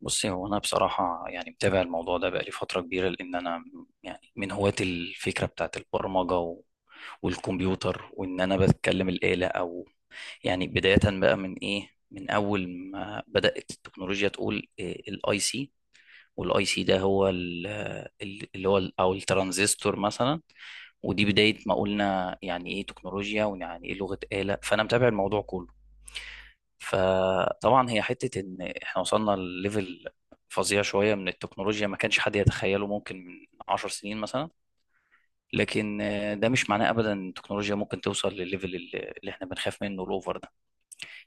بصي، هو انا بصراحه يعني متابع الموضوع ده بقالي فتره كبيره، لان انا يعني من هواة الفكره بتاعت البرمجه و- والكمبيوتر، وان انا بتكلم الاله او يعني بدايه بقى من ايه، من اول ما بدات التكنولوجيا تقول الاي سي. والاي سي ده هو اللي هو او الترانزستور مثلا. ودي بدايه ما قلنا يعني ايه تكنولوجيا ويعني ايه لغه اله. فانا متابع الموضوع كله. فطبعا هي حتة ان احنا وصلنا لليفل فظيع شوية من التكنولوجيا ما كانش حد يتخيله ممكن من عشر سنين مثلا. لكن ده مش معناه ابدا ان التكنولوجيا ممكن توصل للليفل اللي احنا بنخاف منه، الاوفر ده.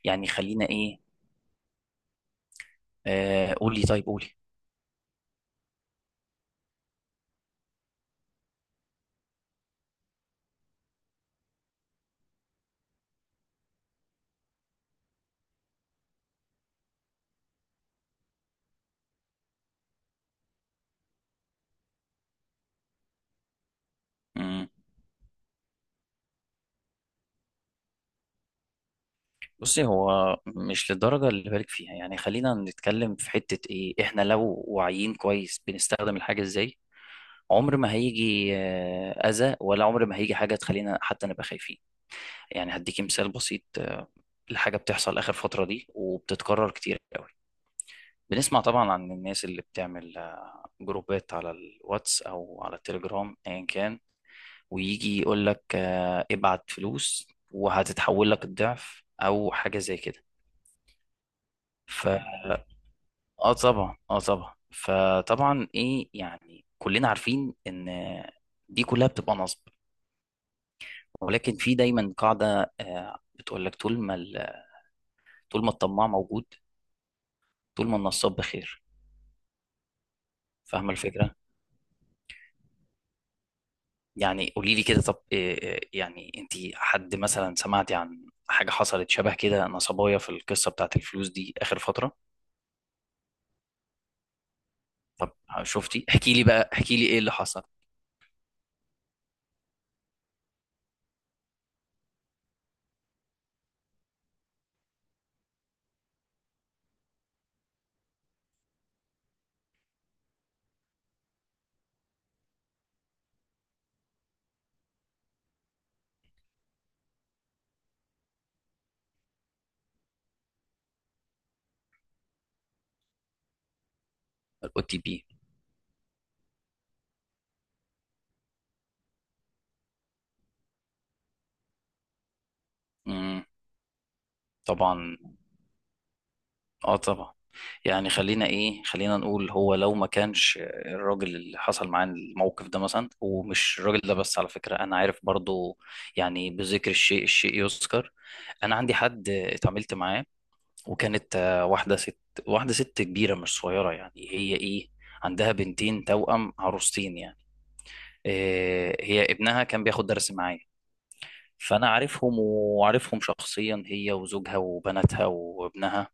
يعني خلينا ايه. قولي، طيب قولي. مم. بصي، هو مش للدرجة اللي بالك فيها، يعني خلينا نتكلم في حتة ايه، احنا لو واعيين كويس بنستخدم الحاجة ازاي، عمر ما هيجي اذى، ولا عمر ما هيجي حاجة تخلينا حتى نبقى خايفين. يعني هديكي مثال بسيط لحاجة بتحصل آخر فترة دي وبتتكرر كتير قوي. بنسمع طبعا عن الناس اللي بتعمل جروبات على الواتس أو على التليجرام أيا كان، ويجي يقول لك ابعت فلوس وهتتحول لك الضعف أو حاجة زي كده. ف اه طبعا اه طبعا فطبعا ايه، يعني كلنا عارفين ان دي كلها بتبقى نصب. ولكن في دايما قاعدة بتقول لك، طول ما الطماع موجود، طول ما النصاب بخير. فاهمة الفكرة؟ يعني قولي لي كده، طب إيه يعني، انت حد مثلا سمعتي عن حاجة حصلت شبه كده، نصبايا في القصة بتاعت الفلوس دي آخر فترة؟ طب، شفتي؟ احكي لي ايه اللي حصل؟ الاو تي بي. طبعا اه طبعا. يعني خلينا نقول، هو لو ما كانش الراجل اللي حصل معاه الموقف ده مثلا، ومش الراجل ده بس، على فكرة انا عارف برضو، يعني بذكر الشيء الشيء يذكر، انا عندي حد اتعاملت معاه، وكانت واحدة ست كبيرة، مش صغيرة، يعني هي إيه، عندها بنتين توأم عروستين يعني. هي ابنها كان بياخد درس معايا، فأنا عارفهم شخصيا، هي وزوجها وبناتها وابنها.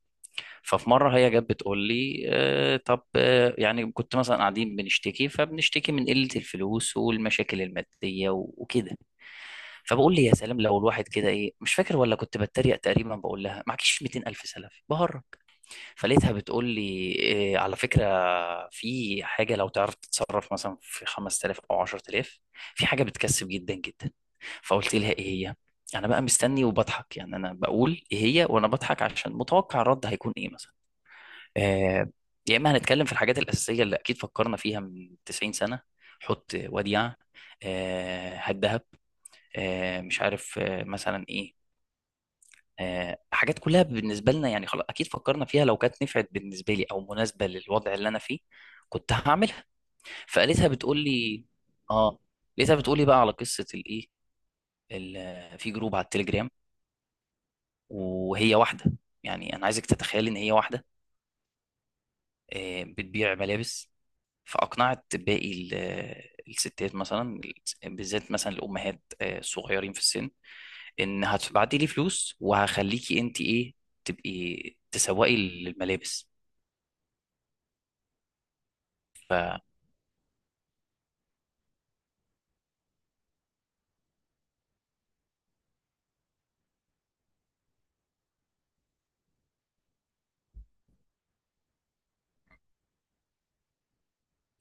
ففي مرة هي جت بتقول لي طب يعني كنت مثلا قاعدين بنشتكي فبنشتكي من قلة الفلوس والمشاكل المادية و- وكده. فبقول لي يا سلام، لو الواحد كده ايه، مش فاكر، ولا كنت بتريق تقريبا، بقول لها معكيش 200 الف سلف بهرب. فلقيتها بتقول لي، إيه على فكرة، في حاجة لو تعرف تتصرف مثلا في 5000 أو 10000، في حاجة بتكسب جدا جدا. فقلت لها إيه هي؟ أنا بقى مستني وبضحك، يعني أنا بقول إيه هي وأنا بضحك عشان متوقع الرد هيكون إيه مثلا. آه يا إما هنتكلم في الحاجات الأساسية اللي أكيد فكرنا فيها من 90 سنة، حط وديعة، هات دهب، مش عارف، مثلا إيه، حاجات كلها بالنسبة لنا يعني خلاص أكيد فكرنا فيها، لو كانت نفعت بالنسبة لي أو مناسبة للوضع اللي أنا فيه كنت هعملها. فقالتها بتقول لي آه لقيتها بتقول لي بقى على قصة الإيه، في جروب على التليجرام، وهي واحدة، يعني أنا عايزك تتخيل، إن هي واحدة بتبيع ملابس، فأقنعت باقي الستات مثلا، بالذات مثلا الأمهات الصغيرين في السن، إن هتبعتي لي فلوس وهخليكي أنت إيه، تبقي تسوقي للملابس.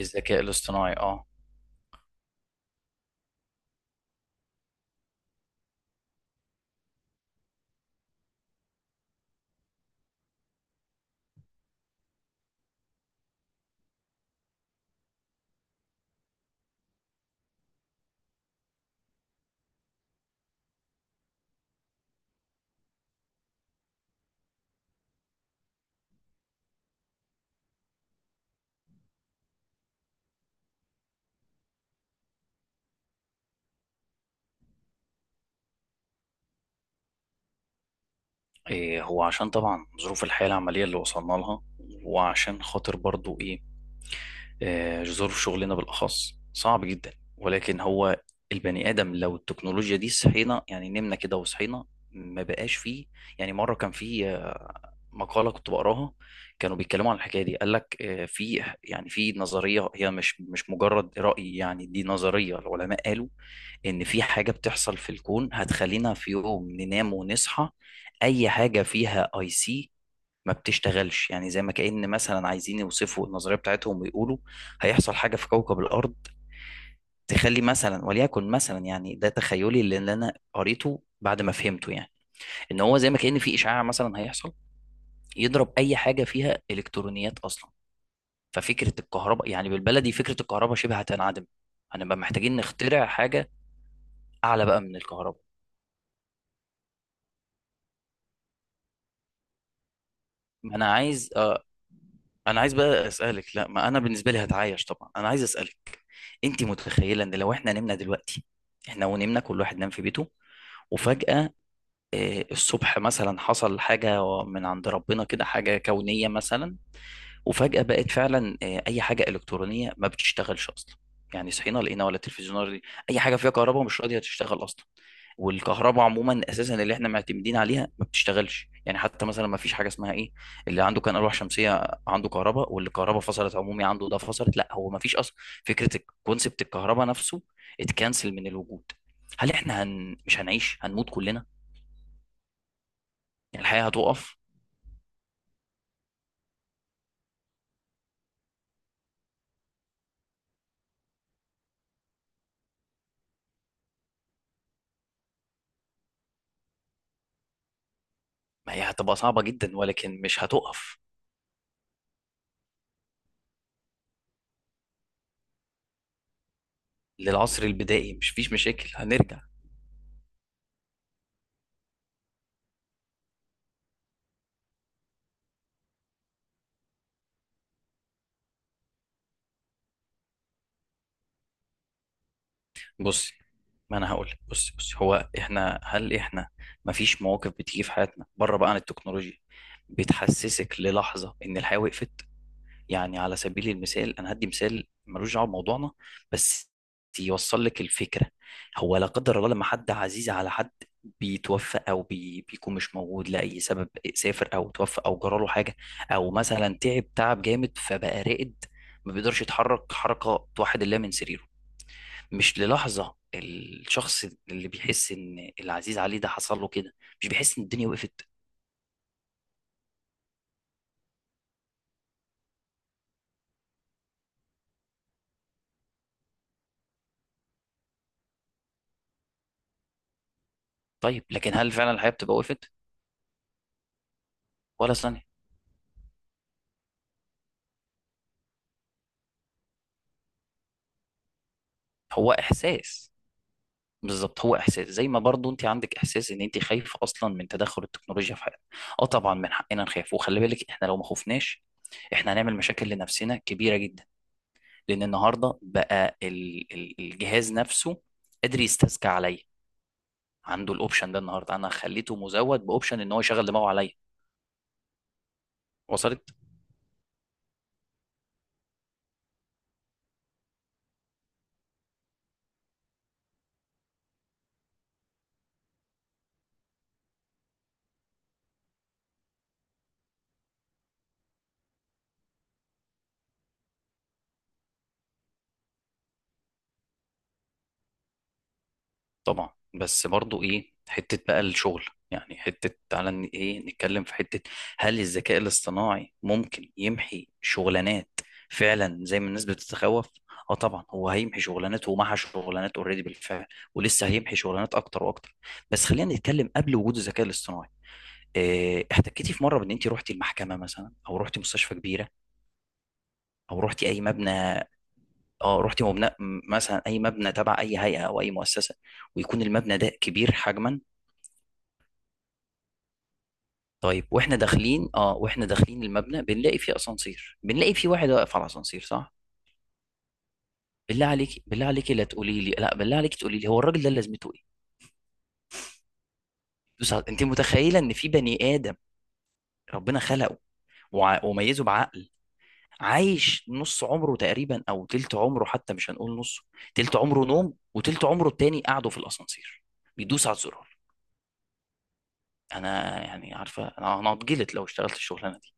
الذكاء الاصطناعي، اه. إيه، هو عشان طبعا ظروف الحياة العملية اللي وصلنا لها، وعشان خاطر برضو ايه، ظروف شغلنا بالأخص صعب جدا. ولكن هو البني آدم، لو التكنولوجيا دي صحينا يعني نمنا كده وصحينا ما بقاش فيه، يعني مرة كان فيه مقالة كنت بقراها، كانوا بيتكلموا عن الحكاية دي، قال لك في نظرية، هي مش مجرد رأي، يعني دي نظرية العلماء قالوا إن في حاجة بتحصل في الكون هتخلينا في يوم ننام ونصحى أي حاجة فيها أي سي ما بتشتغلش. يعني زي ما كأن مثلا عايزين يوصفوا النظرية بتاعتهم ويقولوا هيحصل حاجة في كوكب الأرض تخلي مثلا، وليكن مثلا يعني ده تخيلي اللي أنا قريته بعد ما فهمته يعني، ان هو زي ما كأن في اشعاع مثلا هيحصل يضرب اي حاجه فيها الكترونيات اصلا. ففكره الكهرباء يعني بالبلدي فكره الكهرباء شبه هتنعدم، هنبقى محتاجين نخترع حاجه اعلى بقى من الكهرباء. ما انا عايز آه، انا عايز بقى اسالك، لا ما انا بالنسبه لي هتعايش طبعا، انا عايز اسالك، انت متخيله ان لو احنا نمنا دلوقتي، احنا ونمنا كل واحد نام في بيته، وفجاه الصبح مثلا حصل حاجه من عند ربنا كده، حاجه كونيه مثلا، وفجأة بقت فعلا أي حاجة إلكترونية ما بتشتغلش أصلا، يعني صحينا لقينا ولا تلفزيون ولا راديو، أي حاجة فيها كهرباء مش راضية تشتغل أصلا، والكهرباء عموما أساسا اللي احنا معتمدين عليها ما بتشتغلش، يعني حتى مثلا ما فيش حاجة اسمها إيه، اللي عنده كان ألواح شمسية عنده كهرباء واللي الكهرباء فصلت عمومي عنده ده فصلت، لا هو ما فيش أصلا فكرة الكونسبت الكهرباء نفسه، اتكنسل من الوجود. هل احنا مش هنعيش، هنموت كلنا، يعني الحياة هتقف؟ ما هي هتبقى صعبة جدا ولكن مش هتقف، للعصر البدائي مش فيش مشاكل هنرجع. بصي، ما انا هقول لك بصي بصي هو هل احنا ما فيش مواقف بتيجي في حياتنا بره بقى عن التكنولوجيا بتحسسك للحظة ان الحياة وقفت؟ يعني على سبيل المثال، انا هدي مثال ملوش دعوه بموضوعنا بس يوصل لك الفكره. هو لا قدر الله لما حد عزيز على حد بيتوفى، او بيكون مش موجود لاي سبب، سافر او توفى او جراله حاجه، او مثلا تعب تعب جامد فبقى رائد ما بيقدرش يتحرك حركه توحد الله من سريره، مش للحظه الشخص اللي بيحس ان العزيز عليه ده حصل له كده مش بيحس ان الدنيا وقفت؟ طيب لكن هل فعلا الحياه بتبقى وقفت ولا ثانيه؟ هو احساس، بالظبط هو احساس، زي ما برضو انت عندك احساس ان انت خايف اصلا من تدخل التكنولوجيا في حياتنا. اه طبعا من حقنا نخاف، وخلي بالك احنا لو ما خفناش احنا هنعمل مشاكل لنفسنا كبيره جدا، لان النهارده بقى الجهاز نفسه قادر يستذكى عليا، عنده الاوبشن ده النهارده، انا خليته مزود باوبشن ان هو يشغل دماغه عليا. وصلت؟ طبعا، بس برضو ايه، حتة بقى الشغل، يعني حتة تعالى ايه نتكلم في حتة، هل الذكاء الاصطناعي ممكن يمحي شغلانات فعلا زي ما الناس بتتخوف؟ اه طبعا هو هيمحي شغلانات، ومحى شغلانات اوريدي بالفعل، ولسه هيمحي شغلانات اكتر واكتر. بس خلينا نتكلم قبل وجود الذكاء الاصطناعي. إيه، احتكيتي في مرة بان انت رحتي المحكمة مثلا، او رحتي مستشفى كبيرة، او رحتي اي مبنى؟ اه رحتي مبنى، مثلا اي مبنى تبع اي هيئة او اي مؤسسة، ويكون المبنى ده كبير حجما؟ طيب، واحنا داخلين المبنى، بنلاقي فيه اسانسير، بنلاقي فيه واحد واقف على الاسانسير صح؟ بالله عليك، بالله عليك لا تقولي لي لا، بالله عليك تقولي لي هو الراجل ده لازمته ايه؟ بس انت متخيله ان في بني ادم ربنا خلقه وع- وميزه بعقل، عايش نص عمره تقريبا او تلت عمره، حتى مش هنقول نصه، تلت عمره نوم وتلت عمره التاني قعده في الاسانسير بيدوس على الزرار. انا يعني عارفه، أنا هتجلط لو اشتغلت الشغلانه دي.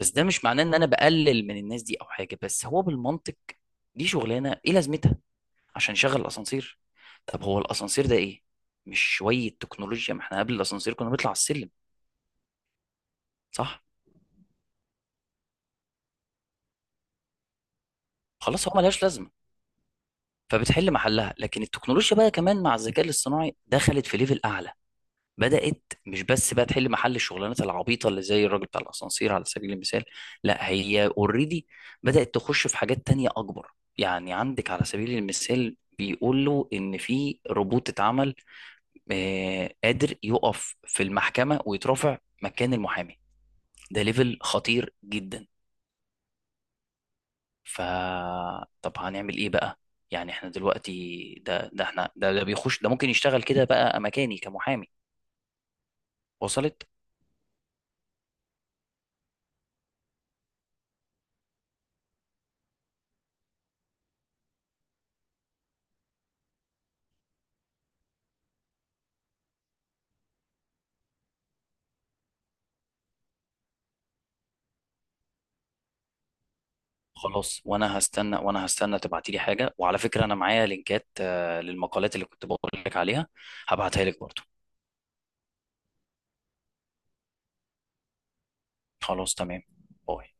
بس ده مش معناه ان انا بقلل من الناس دي او حاجه، بس هو بالمنطق دي شغلانه ايه لازمتها؟ عشان يشغل الاسانسير؟ طب هو الاسانسير ده ايه، مش شويه تكنولوجيا؟ ما احنا قبل الاسانسير كنا بنطلع على السلم صح؟ خلاص، هو ملهاش لازمه فبتحل محلها. لكن التكنولوجيا بقى كمان مع الذكاء الاصطناعي دخلت في ليفل اعلى، بدأت مش بس بقى تحل محل الشغلانات العبيطة اللي زي الراجل بتاع الأسانسير على سبيل المثال، لا هي اوريدي بدأت تخش في حاجات تانية أكبر. يعني عندك على سبيل المثال بيقول له إن في روبوت اتعمل قادر يقف في المحكمة ويترافع مكان المحامي، ده ليفل خطير جدا. ف طب هنعمل إيه بقى؟ يعني احنا دلوقتي ده احنا ده بيخش، ده ممكن يشتغل كده بقى مكاني كمحامي. وصلت؟ خلاص، وانا هستنى تبعتي لي حاجه، وعلى فكره انا معايا لينكات للمقالات اللي كنت بقول لك عليها هبعتها لك برضو. خلاص، تمام. باي.